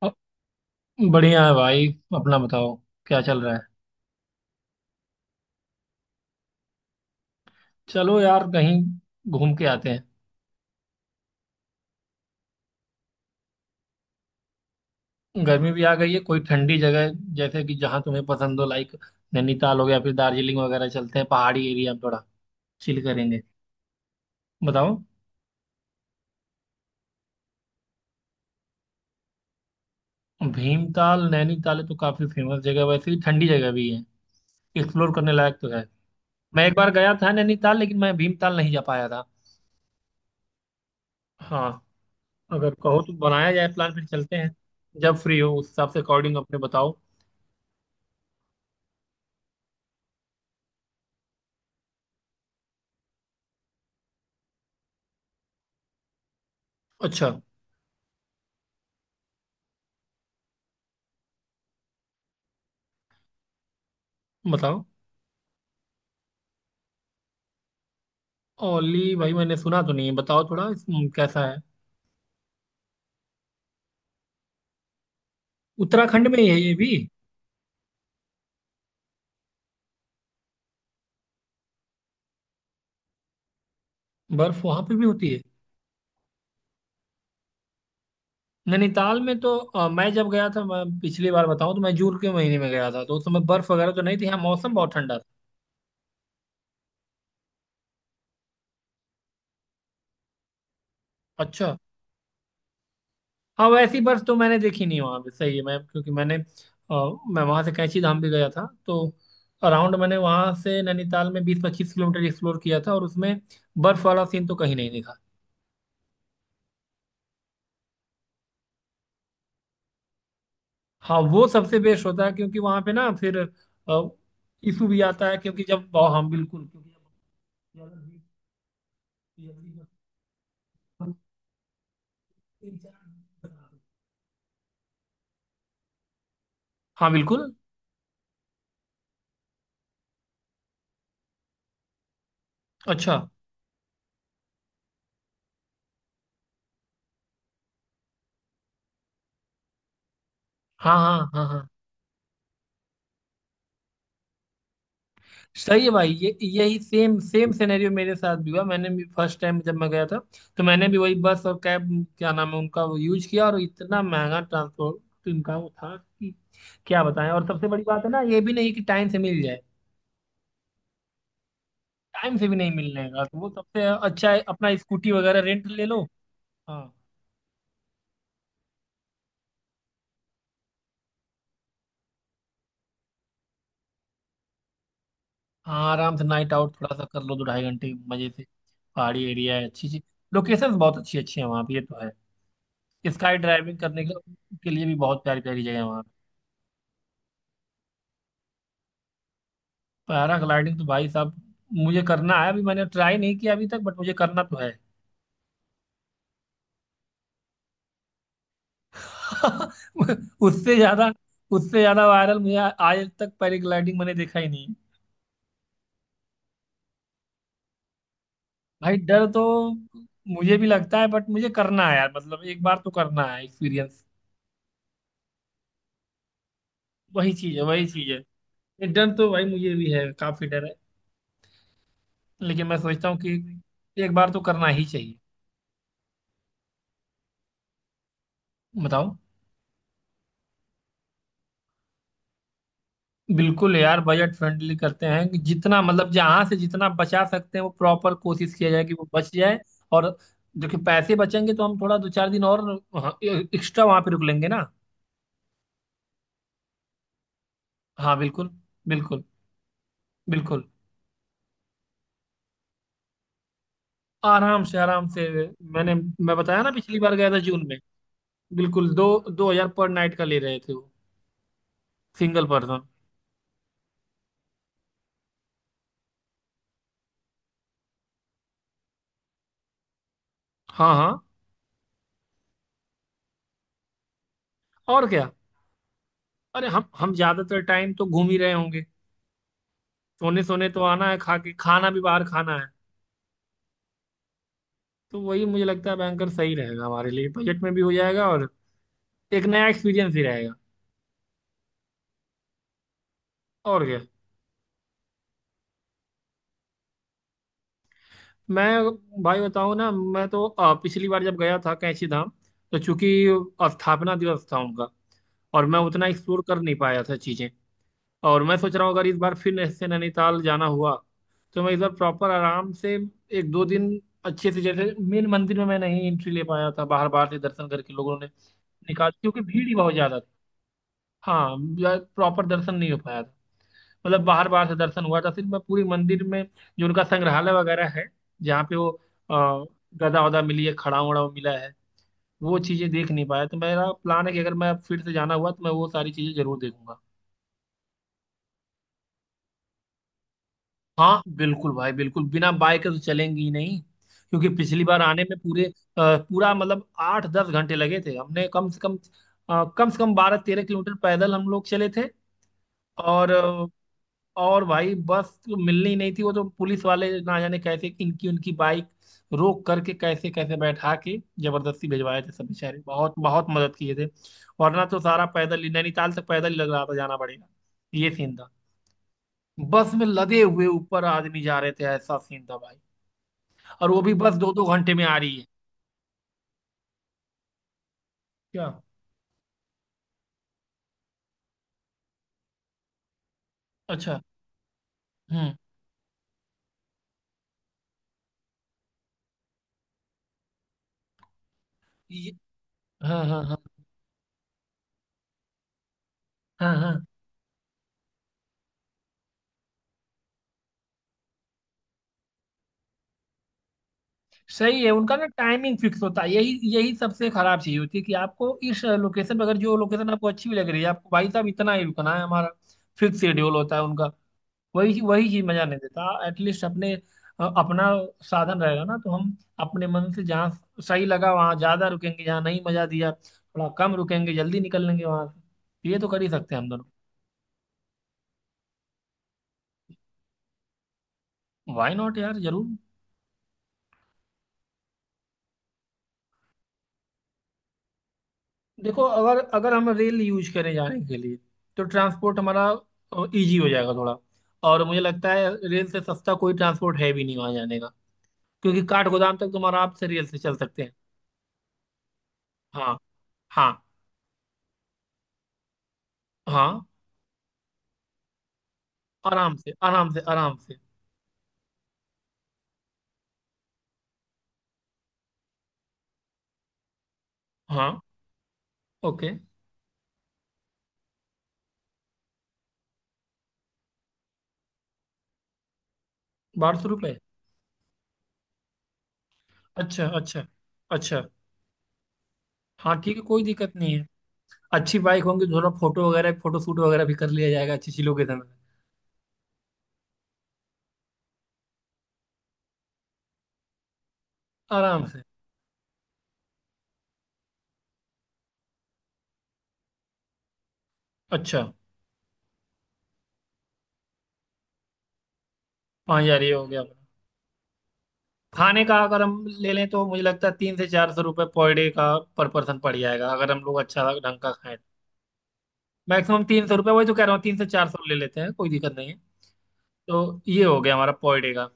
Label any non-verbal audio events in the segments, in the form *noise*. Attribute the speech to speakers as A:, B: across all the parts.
A: अ- बढ़िया है भाई। अपना बताओ, क्या चल रहा है। चलो यार, कहीं घूम के आते हैं। गर्मी भी आ गई है, कोई ठंडी जगह जैसे कि जहाँ तुम्हें पसंद हो। लाइक नैनीताल हो गया, फिर दार्जिलिंग वगैरह। चलते हैं पहाड़ी एरिया में, थोड़ा चिल करेंगे। बताओ। भीमताल नैनीताल तो काफी फेमस जगह है, वैसे भी ठंडी जगह भी है, एक्सप्लोर करने लायक तो है। मैं एक बार गया था नैनीताल, लेकिन मैं भीमताल नहीं जा पाया था। हाँ। अगर कहो तो बनाया जाए प्लान, फिर चलते हैं। जब फ्री हो उस हिसाब से अकॉर्डिंग अपने बताओ। अच्छा। बताओ। ओली भाई, मैंने सुना तो नहीं है। बताओ थोड़ा कैसा है। उत्तराखंड में ही है ये भी। बर्फ वहां पे भी होती है। नैनीताल में तो मैं जब गया था, मैं पिछली बार बताऊं, तो मैं जून के महीने में गया था। तो उस समय बर्फ वगैरह तो नहीं थी। हाँ मौसम बहुत ठंडा था। अच्छा। हाँ वैसी बर्फ तो मैंने देखी नहीं वहां पे। सही है। मैं क्योंकि मैं वहां से कैंची धाम भी गया था। तो अराउंड मैंने वहां से नैनीताल में 20-25 किलोमीटर एक्सप्लोर किया था, और उसमें बर्फ वाला सीन तो कहीं नहीं दिखा। हाँ वो सबसे बेस्ट होता है, क्योंकि वहां पे ना फिर इशू भी आता है, क्योंकि जब। हाँ हम बिल्कुल, क्योंकि जब ज्यादा जल्दी में। हम 3-4 दिन बना दें। हाँ बिल्कुल। अच्छा। हाँ हाँ हाँ हाँ। सही है भाई, ये यही सेम सेम सिनेरियो मेरे साथ भी हुआ। मैंने भी फर्स्ट टाइम जब मैं गया था, तो मैंने भी वही बस और कैब, क्या नाम है उनका, वो यूज किया। और इतना महंगा ट्रांसपोर्ट इनका वो था कि क्या बताएं। और सबसे बड़ी बात है ना, ये भी नहीं कि टाइम से मिल जाए। टाइम से भी नहीं मिलने का, तो वो सबसे। अच्छा है, अपना स्कूटी वगैरह रेंट ले लो। हाँ। हाँ आराम से नाइट आउट थोड़ा सा कर लो, 2-ढाई घंटे मजे से। पहाड़ी एरिया है, अच्छी अच्छी लोकेशंस बहुत अच्छी अच्छी है वहाँ पे, ये तो है। स्काई ड्राइविंग करने के लिए भी बहुत प्यारी प्यारी जगह है वहाँ पे। पैराग्लाइडिंग तो भाई साहब मुझे करना है, अभी मैंने ट्राई नहीं किया अभी तक, बट मुझे करना तो है। *laughs* उससे ज्यादा, उससे ज्यादा वायरल मुझे आज तक पैराग्लाइडिंग मैंने देखा ही नहीं। भाई डर तो मुझे भी लगता है, बट मुझे करना है यार, मतलब एक बार तो करना है एक्सपीरियंस। वही चीज है, वही चीज है। ये डर तो भाई मुझे भी है, काफी डर है। लेकिन मैं सोचता हूँ कि एक बार तो करना ही चाहिए। बताओ। बिल्कुल यार, बजट फ्रेंडली करते हैं कि जितना मतलब जहां से जितना बचा सकते हैं, वो प्रॉपर कोशिश किया जाए कि वो बच जाए। और जो कि पैसे बचेंगे, तो हम थोड़ा दो चार दिन और एक्स्ट्रा वहां पे रुक लेंगे ना। हाँ बिल्कुल बिल्कुल बिल्कुल। आराम से आराम से। मैं बताया ना, पिछली बार गया था जून में। बिल्कुल 2-2 हजार पर नाइट का ले रहे थे वो, सिंगल पर्सन। हाँ हाँ। और क्या। अरे हम ज्यादातर टाइम तो घूम ही रहे होंगे। सोने सोने तो आना है, खा के खाना भी बाहर खाना है। तो वही मुझे लगता है, बैंकर सही रहेगा हमारे लिए, बजट में भी हो जाएगा और एक नया एक्सपीरियंस ही रहेगा। और क्या। मैं भाई बताऊँ ना, मैं तो पिछली बार जब गया था कैंची धाम, तो चूंकि स्थापना दिवस था उनका, और मैं उतना एक्सप्लोर कर नहीं पाया था चीजें। और मैं सोच रहा हूँ अगर इस बार फिर ऐसे नैनीताल जाना हुआ, तो मैं इस बार प्रॉपर आराम से 1-2 दिन अच्छे से, जैसे मेन मंदिर में मैं नहीं एंट्री ले पाया था, बाहर बाहर से दर्शन करके लोगों ने निकाल, क्योंकि भीड़ ही बहुत ज्यादा थी। हाँ प्रॉपर दर्शन नहीं हो पाया था, मतलब बाहर बाहर से दर्शन हुआ था सिर्फ। मैं पूरी मंदिर में, जो उनका संग्रहालय वगैरह है, जहाँ पे वो अ, गदा वदा मिली है, खड़ाउं वड़ाउं मिला है, वो चीजें देख नहीं पाया। तो मेरा प्लान है कि अगर मैं फिर से जाना हुआ, तो मैं वो सारी चीजें जरूर देखूंगा। हाँ बिल्कुल भाई बिल्कुल, बिना बाइक के तो चलेंगी ही नहीं। क्योंकि पिछली बार आने में पूरे पूरा मतलब 8-10 घंटे लगे थे हमने कम से कम। कम से कम 12-13 किलोमीटर पैदल हम लोग चले थे। और और भाई बस तो मिलनी ही नहीं थी, वो तो पुलिस वाले ना जाने कैसे इनकी उनकी बाइक रोक करके, कैसे कैसे बैठा के जबरदस्ती भिजवाए थे सब। बेचारे बहुत बहुत मदद किए थे। वरना तो सारा पैदल ही, नैनीताल तक पैदल ही लग रहा था जाना पड़ेगा। ये सीन था। बस में लदे हुए ऊपर आदमी जा रहे थे, ऐसा सीन था भाई। और वो भी बस 2-2 घंटे में आ रही है। क्या। अच्छा। हम्म। ये- हाँ हाँ हाँ हाँ। हाँ सही है, उनका ना टाइमिंग फिक्स होता है। यही यही सबसे खराब चीज होती है कि आपको इस लोकेशन पर, अगर जो लोकेशन आपको अच्छी भी लग रही है, आपको भाई साहब इतना ही रुकना है। हमारा फिक्स शेड्यूल होता है उनका। वही वही चीज मजा नहीं देता। एटलीस्ट अपने अपना साधन रहेगा ना, तो हम अपने मन से जहाँ सही लगा वहां ज्यादा रुकेंगे, जहाँ नहीं मजा दिया थोड़ा कम रुकेंगे, जल्दी निकल लेंगे वहां से। ये तो कर ही सकते हैं हम दोनों। वाई नॉट यार, जरूर। देखो अगर अगर हम रेल यूज करें जाने के लिए, तो ट्रांसपोर्ट हमारा इजी हो जाएगा थोड़ा। और मुझे लगता है रेल से सस्ता कोई ट्रांसपोर्ट है भी नहीं वहां जाने का। क्योंकि काठ गोदाम तक तुम आराम से रेल से चल सकते हैं। हाँ। हाँ हाँ आराम से आराम से आराम से। हाँ। ओके। 1200 रुपए। अच्छा अच्छा। अच्छा। हाँ ठीक है, कोई दिक्कत नहीं है। अच्छी बाइक होंगी, थोड़ा फोटो वगैरह, फोटो शूट वगैरह भी कर लिया जाएगा अच्छी चीजों के समय। आराम से। अच्छा। 5,000 ये हो गया अपना। खाने का अगर हम ले लें, तो मुझे लगता है 300 से 400 रुपये पर डे का, पर पर्सन पड़ जाएगा, अगर हम लोग अच्छा ढंग का खाएं। मैक्सिमम 300 रुपये, वही तो कह रहा हूँ, 300 से 400 ले लेते हैं, कोई दिक्कत नहीं है। तो ये हो गया हमारा पर डे का।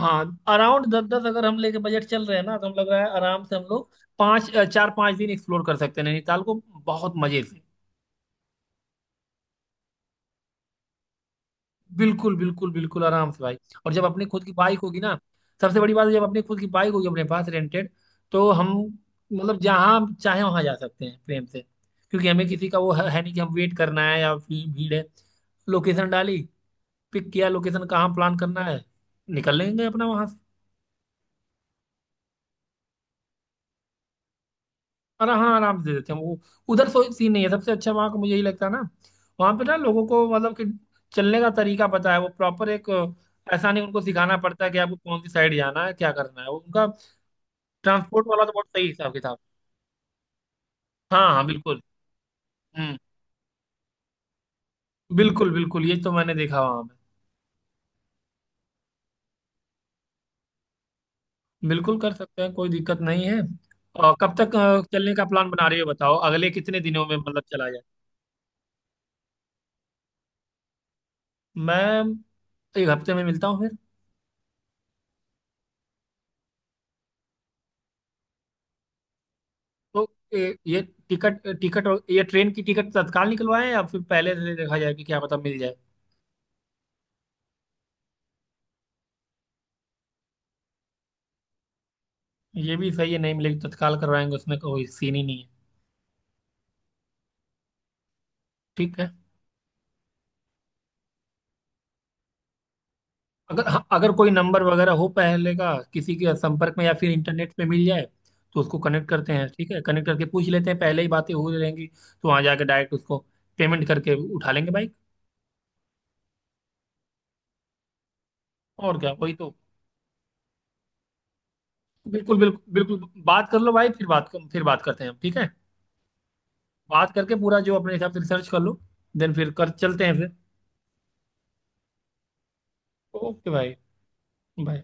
A: हाँ अराउंड दस दस अगर हम लेके बजट चल रहे हैं ना, तो हम, लग रहा है आराम से हम लोग 4-5 दिन एक्सप्लोर कर सकते हैं नैनीताल को, बहुत मजे से। बिल्कुल बिल्कुल बिल्कुल आराम से भाई। और जब अपनी खुद की बाइक होगी ना, सबसे बड़ी बात है, जब अपनी खुद की बाइक होगी अपने पास, रेंटेड, तो हम मतलब जहाँ चाहे वहाँ जा सकते हैं प्रेम से। क्योंकि हमें किसी का वो है नहीं कि हम वेट करना है या फिर भीड़ है। लोकेशन डाली, पिक किया लोकेशन, कहाँ प्लान करना है, निकल लेंगे अपना वहाँ। और हाँ, आराम से दे देते हैं वो, उधर कोई सीन नहीं है। सबसे अच्छा वहाँ का मुझे यही लगता है ना, वहाँ पे ना लोगों को, मतलब कि चलने का तरीका पता है। वो प्रॉपर एक ऐसा नहीं उनको सिखाना पड़ता है कि आपको कौन सी साइड जाना है क्या करना है, वो उनका ट्रांसपोर्ट वाला तो बहुत सही हिसाब किताब। हाँ हाँ बिल्कुल। हम्म। बिल्कुल बिल्कुल, ये तो मैंने देखा वहाँ पे। बिल्कुल कर सकते हैं, कोई दिक्कत नहीं है। और कब तक चलने का प्लान बना रही हो, बताओ अगले कितने दिनों में मतलब चला जाए। मैं 1 हफ्ते में मिलता हूँ। तो ये टिकट, टिकट, ये ट्रेन की टिकट तत्काल निकलवाएं या फिर पहले से देखा जाए कि क्या पता मिल जाए। ये भी सही है, नहीं मिलेगी तो तत्काल करवाएंगे, उसमें कोई सीन ही नहीं है। ठीक है। अगर, हाँ, अगर कोई नंबर वगैरह हो पहले का किसी के संपर्क में या फिर इंटरनेट पे मिल जाए, तो उसको कनेक्ट करते हैं। ठीक है, कनेक्ट करके पूछ लेते हैं, पहले ही बातें हो रहेंगी तो वहाँ जाके डायरेक्ट उसको पेमेंट करके उठा लेंगे बाइक। और क्या, वही तो। बिल्कुल बिल्कुल बिल्कुल, बात कर लो भाई, फिर बात करते हैं हम, ठीक है। बात करके पूरा जो अपने हिसाब से रिसर्च कर लो, देन फिर कर चलते हैं फिर। ओके भाई। बाय।